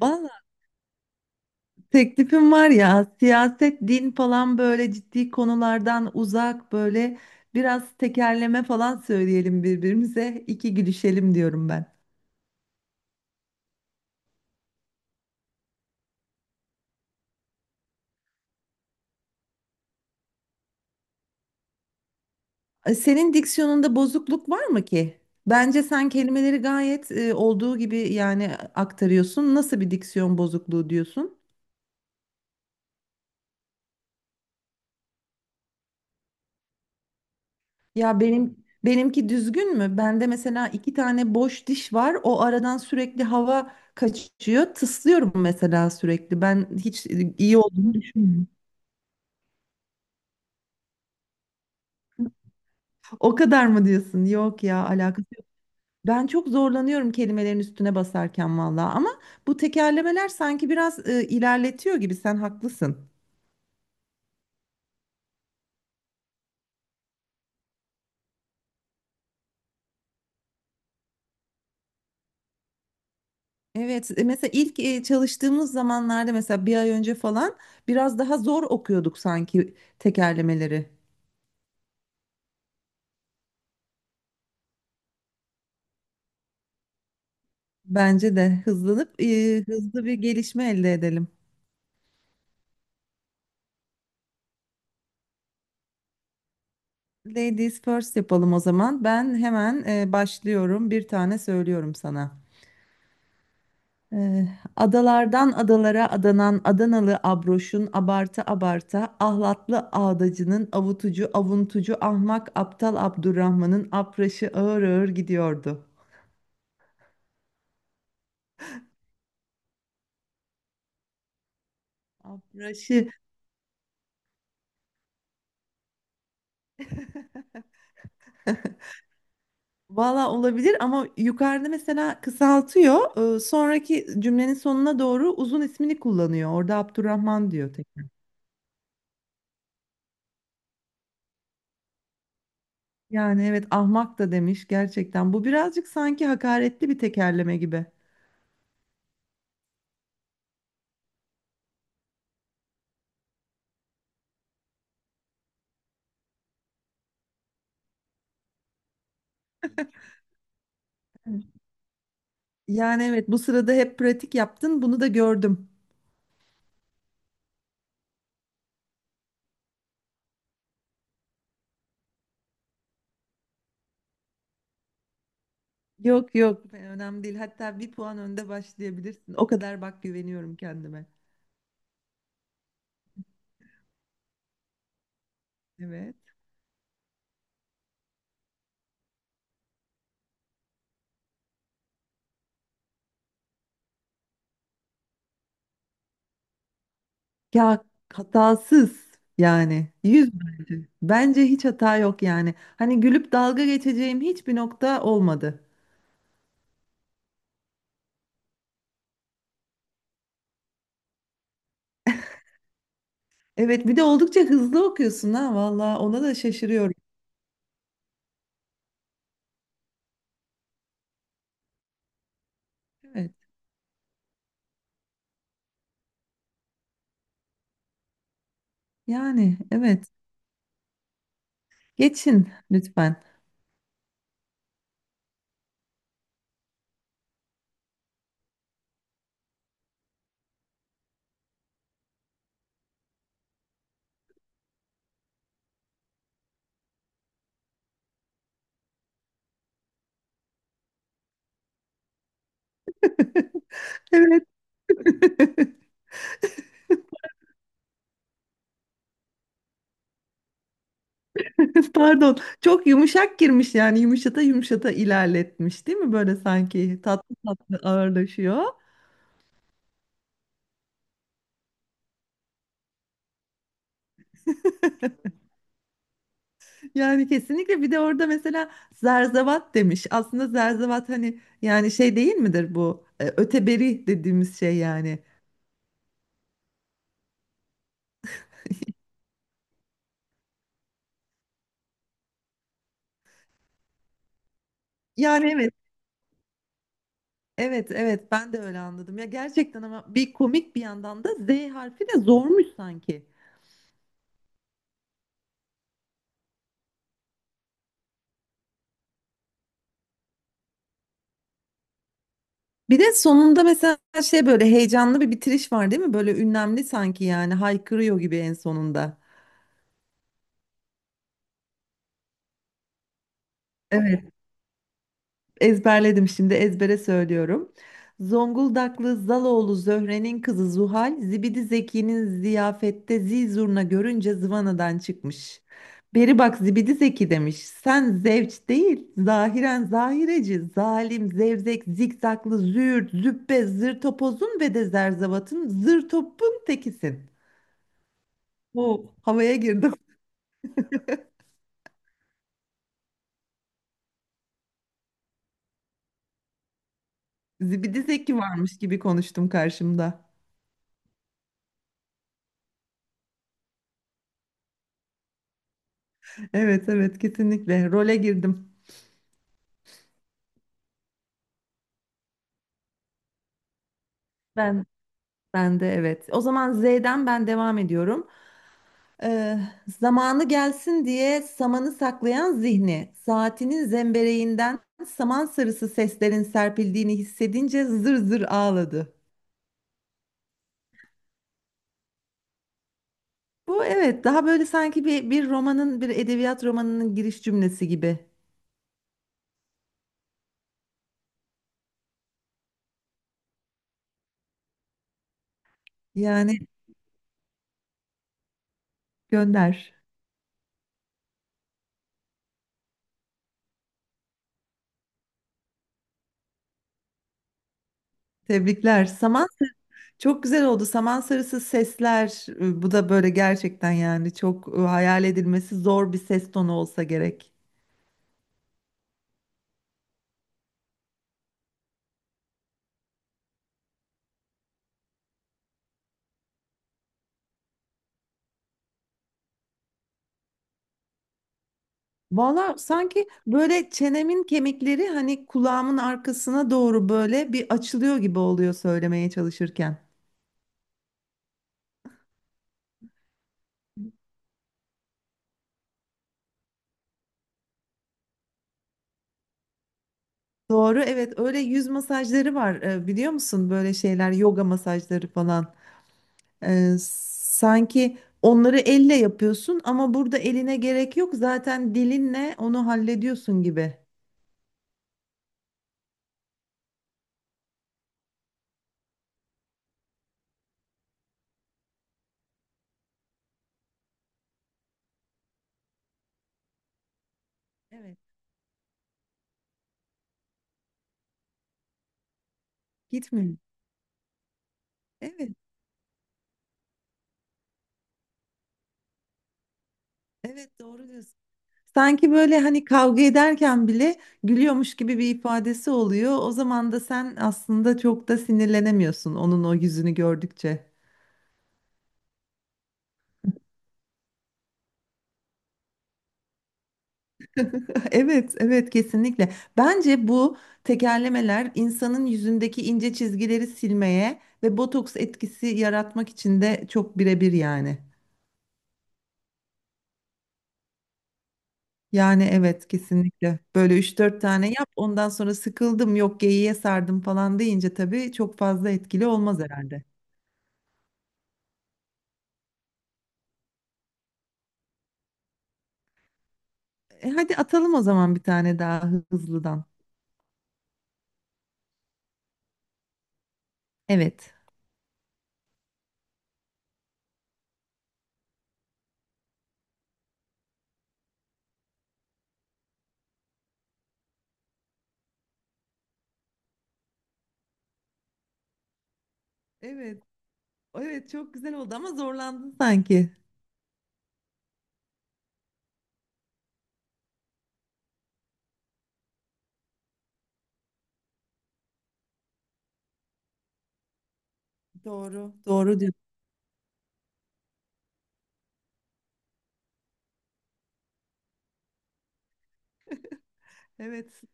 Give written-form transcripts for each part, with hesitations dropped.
Valla teklifim var ya siyaset, din falan böyle ciddi konulardan uzak böyle biraz tekerleme falan söyleyelim birbirimize iki gülüşelim diyorum ben. Senin diksiyonunda bozukluk var mı ki? Bence sen kelimeleri gayet olduğu gibi yani aktarıyorsun. Nasıl bir diksiyon bozukluğu diyorsun? Ya benimki düzgün mü? Bende mesela iki tane boş diş var. O aradan sürekli hava kaçıyor. Tıslıyorum mesela sürekli. Ben hiç iyi olduğunu düşünmüyorum. O kadar mı diyorsun? Yok ya alakası. Yok. Ben çok zorlanıyorum kelimelerin üstüne basarken valla. Ama bu tekerlemeler sanki biraz ilerletiyor gibi. Sen haklısın. Evet, mesela ilk çalıştığımız zamanlarda mesela bir ay önce falan biraz daha zor okuyorduk sanki tekerlemeleri. Bence de hızlanıp hızlı bir gelişme elde edelim. Ladies first yapalım o zaman. Ben hemen başlıyorum. Bir tane söylüyorum sana. E, Adalardan adalara adanan Adanalı abroşun abarta abarta ahlatlı ağdacının avutucu avuntucu ahmak aptal Abdurrahman'ın apraşı ağır ağır gidiyordu. Apraşı. Valla olabilir ama yukarıda mesela kısaltıyor. Sonraki cümlenin sonuna doğru uzun ismini kullanıyor. Orada Abdurrahman diyor tek. Yani evet ahmak da demiş gerçekten. Bu birazcık sanki hakaretli bir tekerleme gibi. Evet. Yani evet bu sırada hep pratik yaptın bunu da gördüm. Yok yok önemli değil. Hatta bir puan önde başlayabilirsin. O kadar bak güveniyorum kendime. Evet. Ya hatasız yani yüz bence. Bence hiç hata yok yani. Hani gülüp dalga geçeceğim hiçbir nokta olmadı. Evet bir de oldukça hızlı okuyorsun ha valla ona da şaşırıyorum. Evet yani evet geçin lütfen. Evet pardon çok yumuşak girmiş yani yumuşata yumuşata ilerletmiş değil mi böyle sanki tatlı tatlı ağırlaşıyor. Yani kesinlikle bir de orada mesela zerzevat demiş. Aslında zerzevat hani yani şey değil midir bu? Öteberi dediğimiz şey yani. Yani evet, evet, evet ben de öyle anladım. Ya gerçekten ama bir komik bir yandan da Z harfi de zormuş sanki. Bir de sonunda mesela şey böyle heyecanlı bir bitiriş var değil mi? Böyle ünlemli sanki yani haykırıyor gibi en sonunda. Evet. Ezberledim şimdi ezbere söylüyorum. Zonguldaklı Zaloğlu Zöhre'nin kızı Zuhal, Zibidi Zeki'nin ziyafette zizurna görünce zıvanadan çıkmış. Beri bak Zibidi Zeki demiş. Sen zevç değil, zahiren zahireci, zalim, zevzek, zikzaklı, züğürt, züppe, zır topozun ve de zerzavatın, zır topun tekisin. Oo, havaya girdim. Zibidi Zeki varmış gibi konuştum karşımda. Evet evet kesinlikle role girdim. Ben Ben de evet. O zaman Z'den ben devam ediyorum. Ee, Zamanı gelsin diye samanı saklayan zihni, saatinin zembereğinden saman sarısı seslerin serpildiğini hissedince zır zır ağladı. Bu evet daha böyle sanki bir romanın bir edebiyat romanının giriş cümlesi gibi. Yani gönder. Tebrikler. Saman çok güzel oldu. Saman sarısı sesler bu da böyle gerçekten yani çok hayal edilmesi zor bir ses tonu olsa gerek. Valla sanki böyle çenemin kemikleri hani kulağımın arkasına doğru böyle bir açılıyor gibi oluyor söylemeye çalışırken. Doğru evet öyle yüz masajları var biliyor musun böyle şeyler yoga masajları falan. Sanki onları elle yapıyorsun ama burada eline gerek yok zaten dilinle onu hallediyorsun gibi. Evet. Gitmiyor. Evet evet doğru diyorsun. Sanki böyle hani kavga ederken bile gülüyormuş gibi bir ifadesi oluyor. O zaman da sen aslında çok da sinirlenemiyorsun onun o yüzünü gördükçe. Evet, evet kesinlikle. Bence bu tekerlemeler insanın yüzündeki ince çizgileri silmeye ve botoks etkisi yaratmak için de çok birebir yani. Yani evet kesinlikle. Böyle üç dört tane yap ondan sonra sıkıldım yok geyiğe sardım falan deyince tabii çok fazla etkili olmaz herhalde. Hadi atalım o zaman bir tane daha hızlıdan. Evet. Evet. Evet çok güzel oldu ama zorlandın sanki. Doğru. Doğru diyorsun. Evet.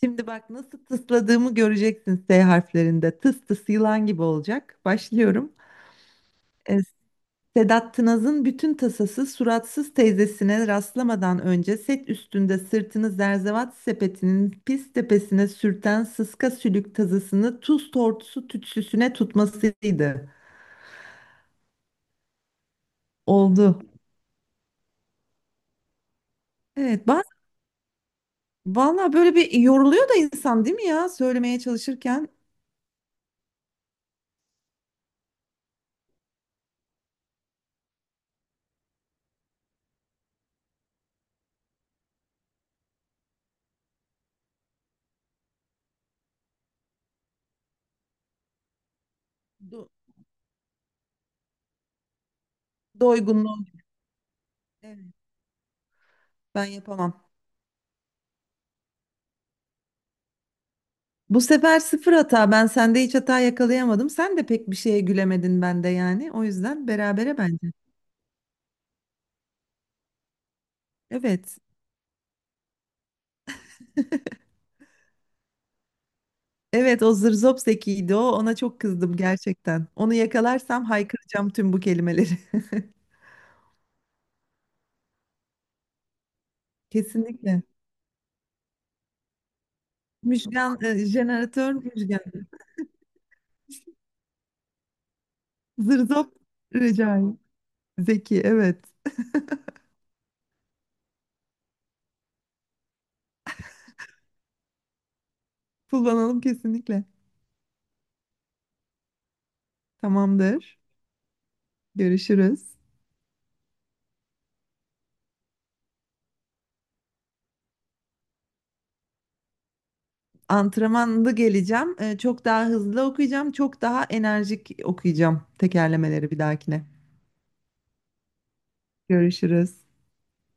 Şimdi bak nasıl tısladığımı göreceksin S harflerinde. Tıs tıs yılan gibi olacak. Başlıyorum. E, Sedat Tınaz'ın bütün tasası suratsız teyzesine rastlamadan önce set üstünde sırtını zerzevat sepetinin pis tepesine sürten sıska sülük tazısını tuz tortusu tütsüsüne tutmasıydı. Oldu. Evet, valla böyle bir yoruluyor da insan değil mi ya söylemeye çalışırken do doygunluğu. Evet, ben yapamam. Bu sefer sıfır hata. Ben sende hiç hata yakalayamadım. Sen de pek bir şeye gülemedin bende yani. O yüzden berabere bence. Evet. Evet o zırzop zekiydi o. Ona çok kızdım gerçekten. Onu yakalarsam haykıracağım tüm bu kelimeleri. Kesinlikle. Müjgan, jeneratör müjgan. Zırzop Recai. Zeki evet. Kullanalım kesinlikle. Tamamdır. Görüşürüz. Antrenmanlı geleceğim. Çok daha hızlı okuyacağım. Çok daha enerjik okuyacağım tekerlemeleri bir dahakine. Görüşürüz.